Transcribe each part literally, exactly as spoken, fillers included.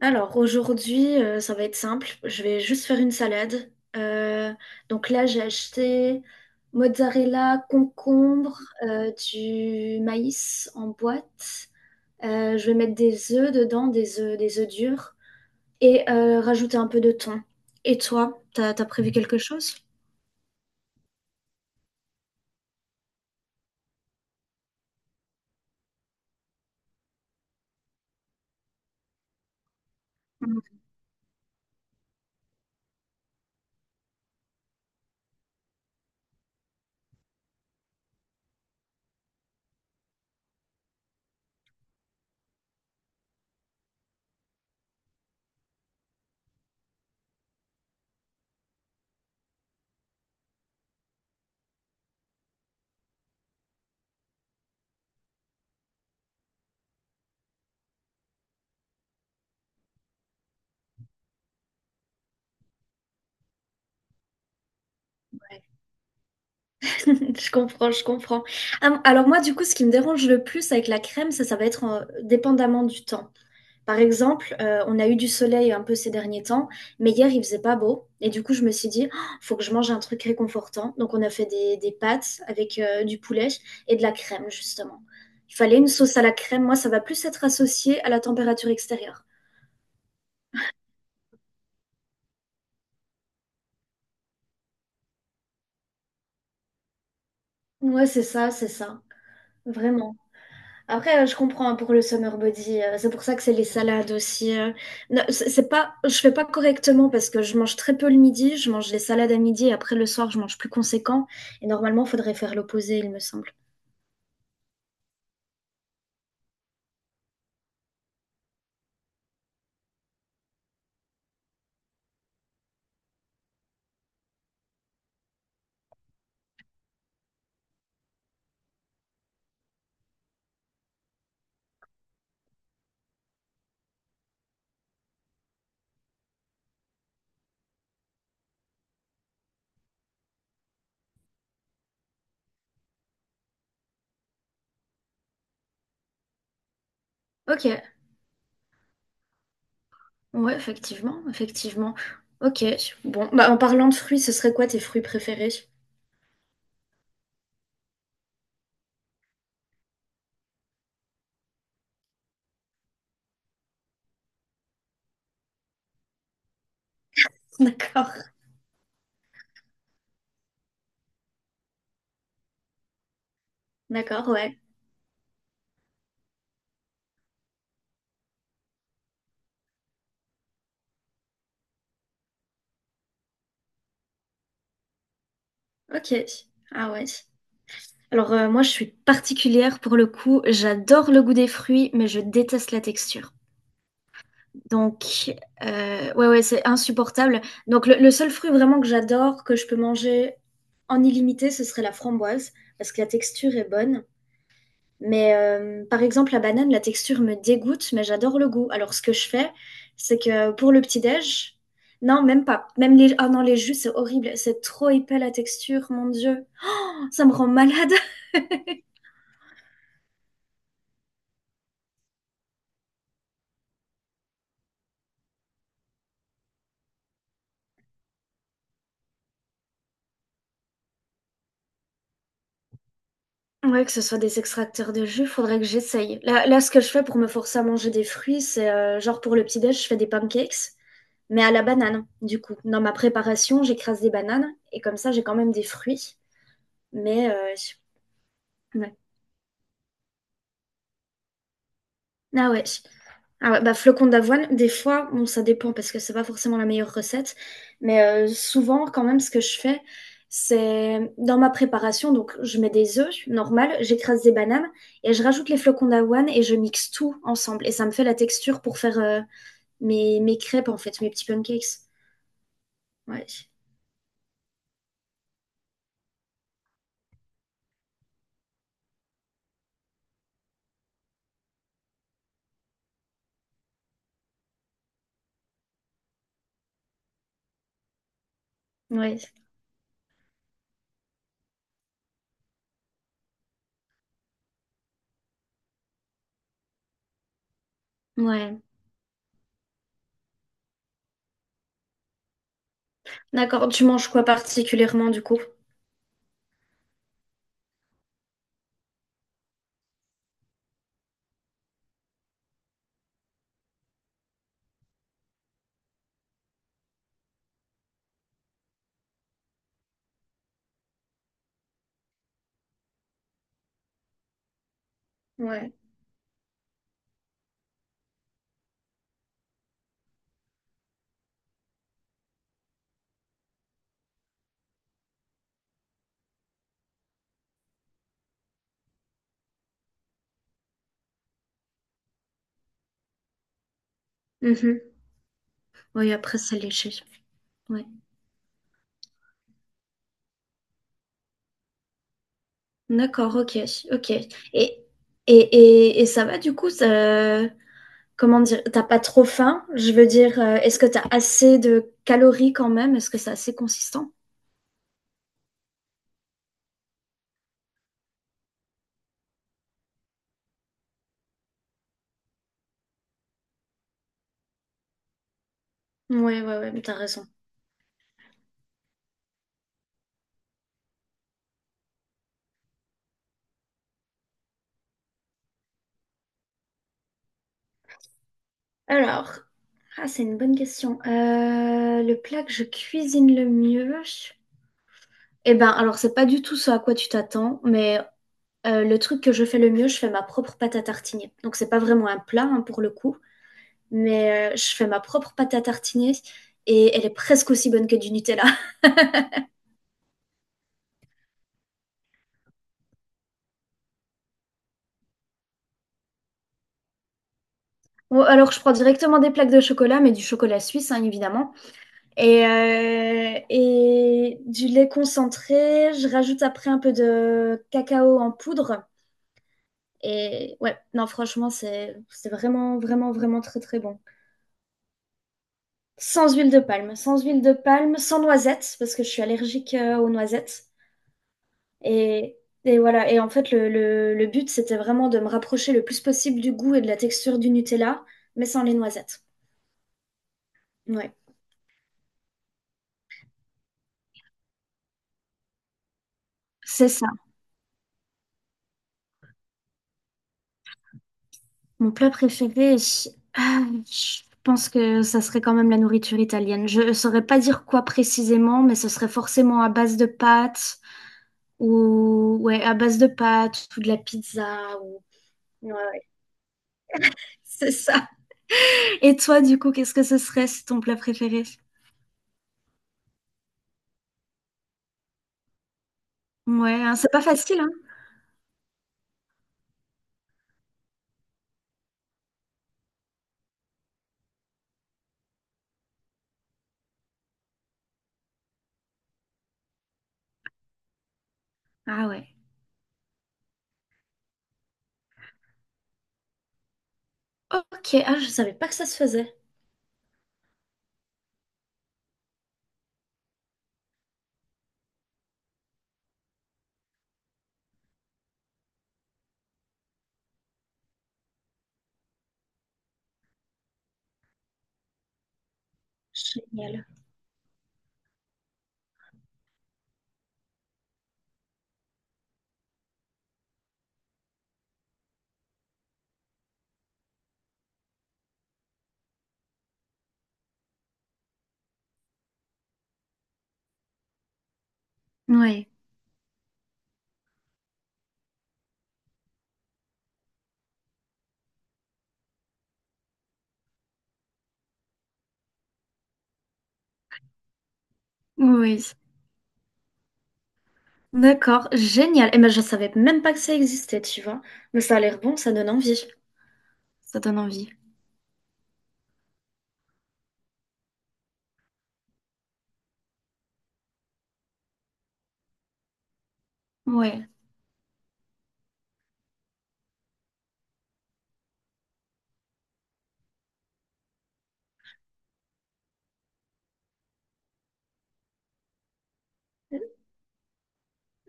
Alors aujourd'hui, euh, ça va être simple. Je vais juste faire une salade. Euh, donc là, j'ai acheté mozzarella, concombre, euh, du maïs en boîte. Euh, je vais mettre des œufs dedans, des œufs, des œufs durs, et euh, rajouter un peu de thon. Et toi, t'as, t'as prévu quelque chose? Mm. Ouais. Je comprends, je comprends. Ah, alors moi, du coup, ce qui me dérange le plus avec la crème, ça, ça va être en- dépendamment du temps. Par exemple, euh, on a eu du soleil un peu ces derniers temps, mais hier il faisait pas beau. Et du coup, je me suis dit, oh, faut que je mange un truc réconfortant. Donc, on a fait des, des pâtes avec euh, du poulet et de la crème, justement. Il fallait une sauce à la crème. Moi, ça va plus être associé à la température extérieure. Ouais, c'est ça, c'est ça. Vraiment. Après, euh, je comprends hein, pour le summer body. euh, C'est pour ça que c'est les salades aussi. euh. Non, c'est c'est pas, je fais pas correctement parce que je mange très peu le midi. Je mange les salades à midi et après le soir, je mange plus conséquent. Et normalement, il faudrait faire l'opposé, il me semble. Ok, ouais, effectivement, effectivement. Ok, bon, bah en parlant de fruits, ce serait quoi tes fruits préférés? D'accord, d'accord, ouais. Ok, ah ouais. Alors euh, moi, je suis particulière pour le coup. J'adore le goût des fruits, mais je déteste la texture. Donc, euh, ouais, ouais, c'est insupportable. Donc, le, le seul fruit vraiment que j'adore, que je peux manger en illimité, ce serait la framboise, parce que la texture est bonne. Mais euh, par exemple, la banane, la texture me dégoûte, mais j'adore le goût. Alors, ce que je fais, c'est que pour le petit-déj, non, même pas. Même les... Ah non, les jus, c'est horrible. C'est trop épais la texture, mon Dieu. Oh, ça me rend malade. Ouais, que ce soit des extracteurs de jus, faudrait que j'essaye. Là, là, ce que je fais pour me forcer à manger des fruits, c'est euh, genre pour le petit-déj, je fais des pancakes, mais à la banane, du coup. Dans ma préparation, j'écrase des bananes, et comme ça, j'ai quand même des fruits. Mais, euh, je- ouais. Ah ouais. Ah ouais, bah flocons d'avoine, des fois, bon, ça dépend parce que c'est pas forcément la meilleure recette, mais euh, souvent, quand même, ce que je fais, c'est dans ma préparation, donc je mets des œufs, normal, j'écrase des bananes et je rajoute les flocons d'avoine et je mixe tout ensemble et ça me fait la texture pour faire euh, mes, mes crêpes en fait, mes petits pancakes. Ouais, ouais, ouais. D'accord, tu manges quoi particulièrement du coup? Ouais. Mhm. Oui, après, c'est léger. Ouais. D'accord, ok, ok. Et, et, et, et ça va du coup, ça- comment dire, t'as pas trop faim? Je veux dire, euh, est-ce que t'as assez de calories quand même? Est-ce que c'est assez consistant? Ouais, ouais, ouais, mais t'as raison. Alors, ah, c'est une bonne question. Euh, le plat que je cuisine le mieux, eh ben, alors c'est pas du tout ce à quoi tu t'attends, mais euh, le truc que je fais le mieux, je fais ma propre pâte à tartiner. Donc c'est pas vraiment un plat hein, pour le coup. Mais euh, je fais ma propre pâte à tartiner et elle est presque aussi bonne que du Nutella. Bon, alors je prends directement des plaques de chocolat, mais du chocolat suisse, hein, évidemment, et, euh, et du lait concentré. Je rajoute après un peu de cacao en poudre. Et ouais, non, franchement, c'est c'est vraiment, vraiment, vraiment très, très bon. Sans huile de palme, sans huile de palme, sans noisettes, parce que je suis allergique euh, aux noisettes. Et, et voilà. Et en fait, le, le- le but, c'était vraiment de me rapprocher le plus possible du goût et de la texture du Nutella, mais sans les noisettes. Ouais. C'est ça. Mon plat préféré, je ah, je pense que ça serait quand même la nourriture italienne. Je ne saurais pas dire quoi précisément, mais ce serait forcément à base de pâtes ou ouais, à base de pâtes ou de la pizza ou ouais, ouais, c'est ça. Et toi, du coup, qu'est-ce que ce serait si ton plat préféré? Ouais, hein, c'est pas facile, hein? Ah ouais. Ok, ah, je savais pas que ça se faisait. Génial. Oui, oui. D'accord, génial. Et ben, je savais même pas que ça existait, tu vois. Mais ça a l'air bon, ça donne envie. Ça donne envie. Ouais.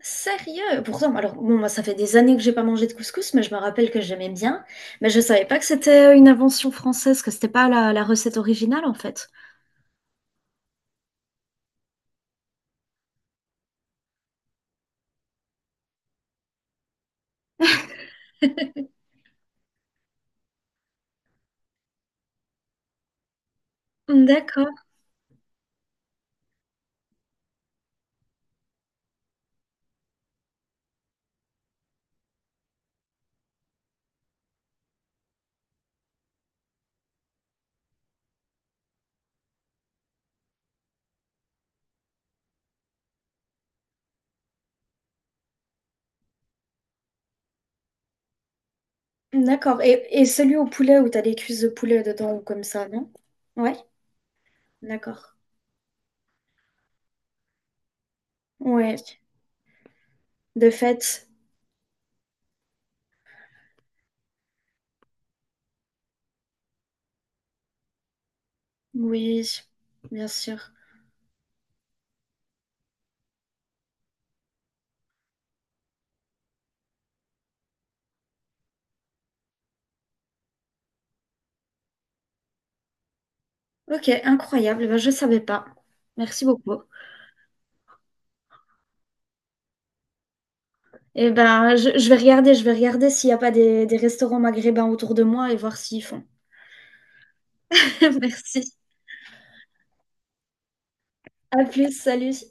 Sérieux? Pourtant, alors, bon, moi, ça fait des années que j'ai pas mangé de couscous, mais je me rappelle que j'aimais bien. Mais je savais pas que c'était euh, une invention française, que c'était pas la, la recette originale, en fait. D'accord, d'accord. Et, et celui au poulet où t'as des cuisses de poulet dedans ou comme ça, non? Ouais, d'accord. Ouais, de fait. Oui, bien sûr. Ok, incroyable. Eh ben, je ne savais pas. Merci beaucoup. Et ben, je, je vais regarder, je vais regarder s'il n'y a pas des, des restaurants maghrébins autour de moi et voir s'ils font. Merci. À plus, salut.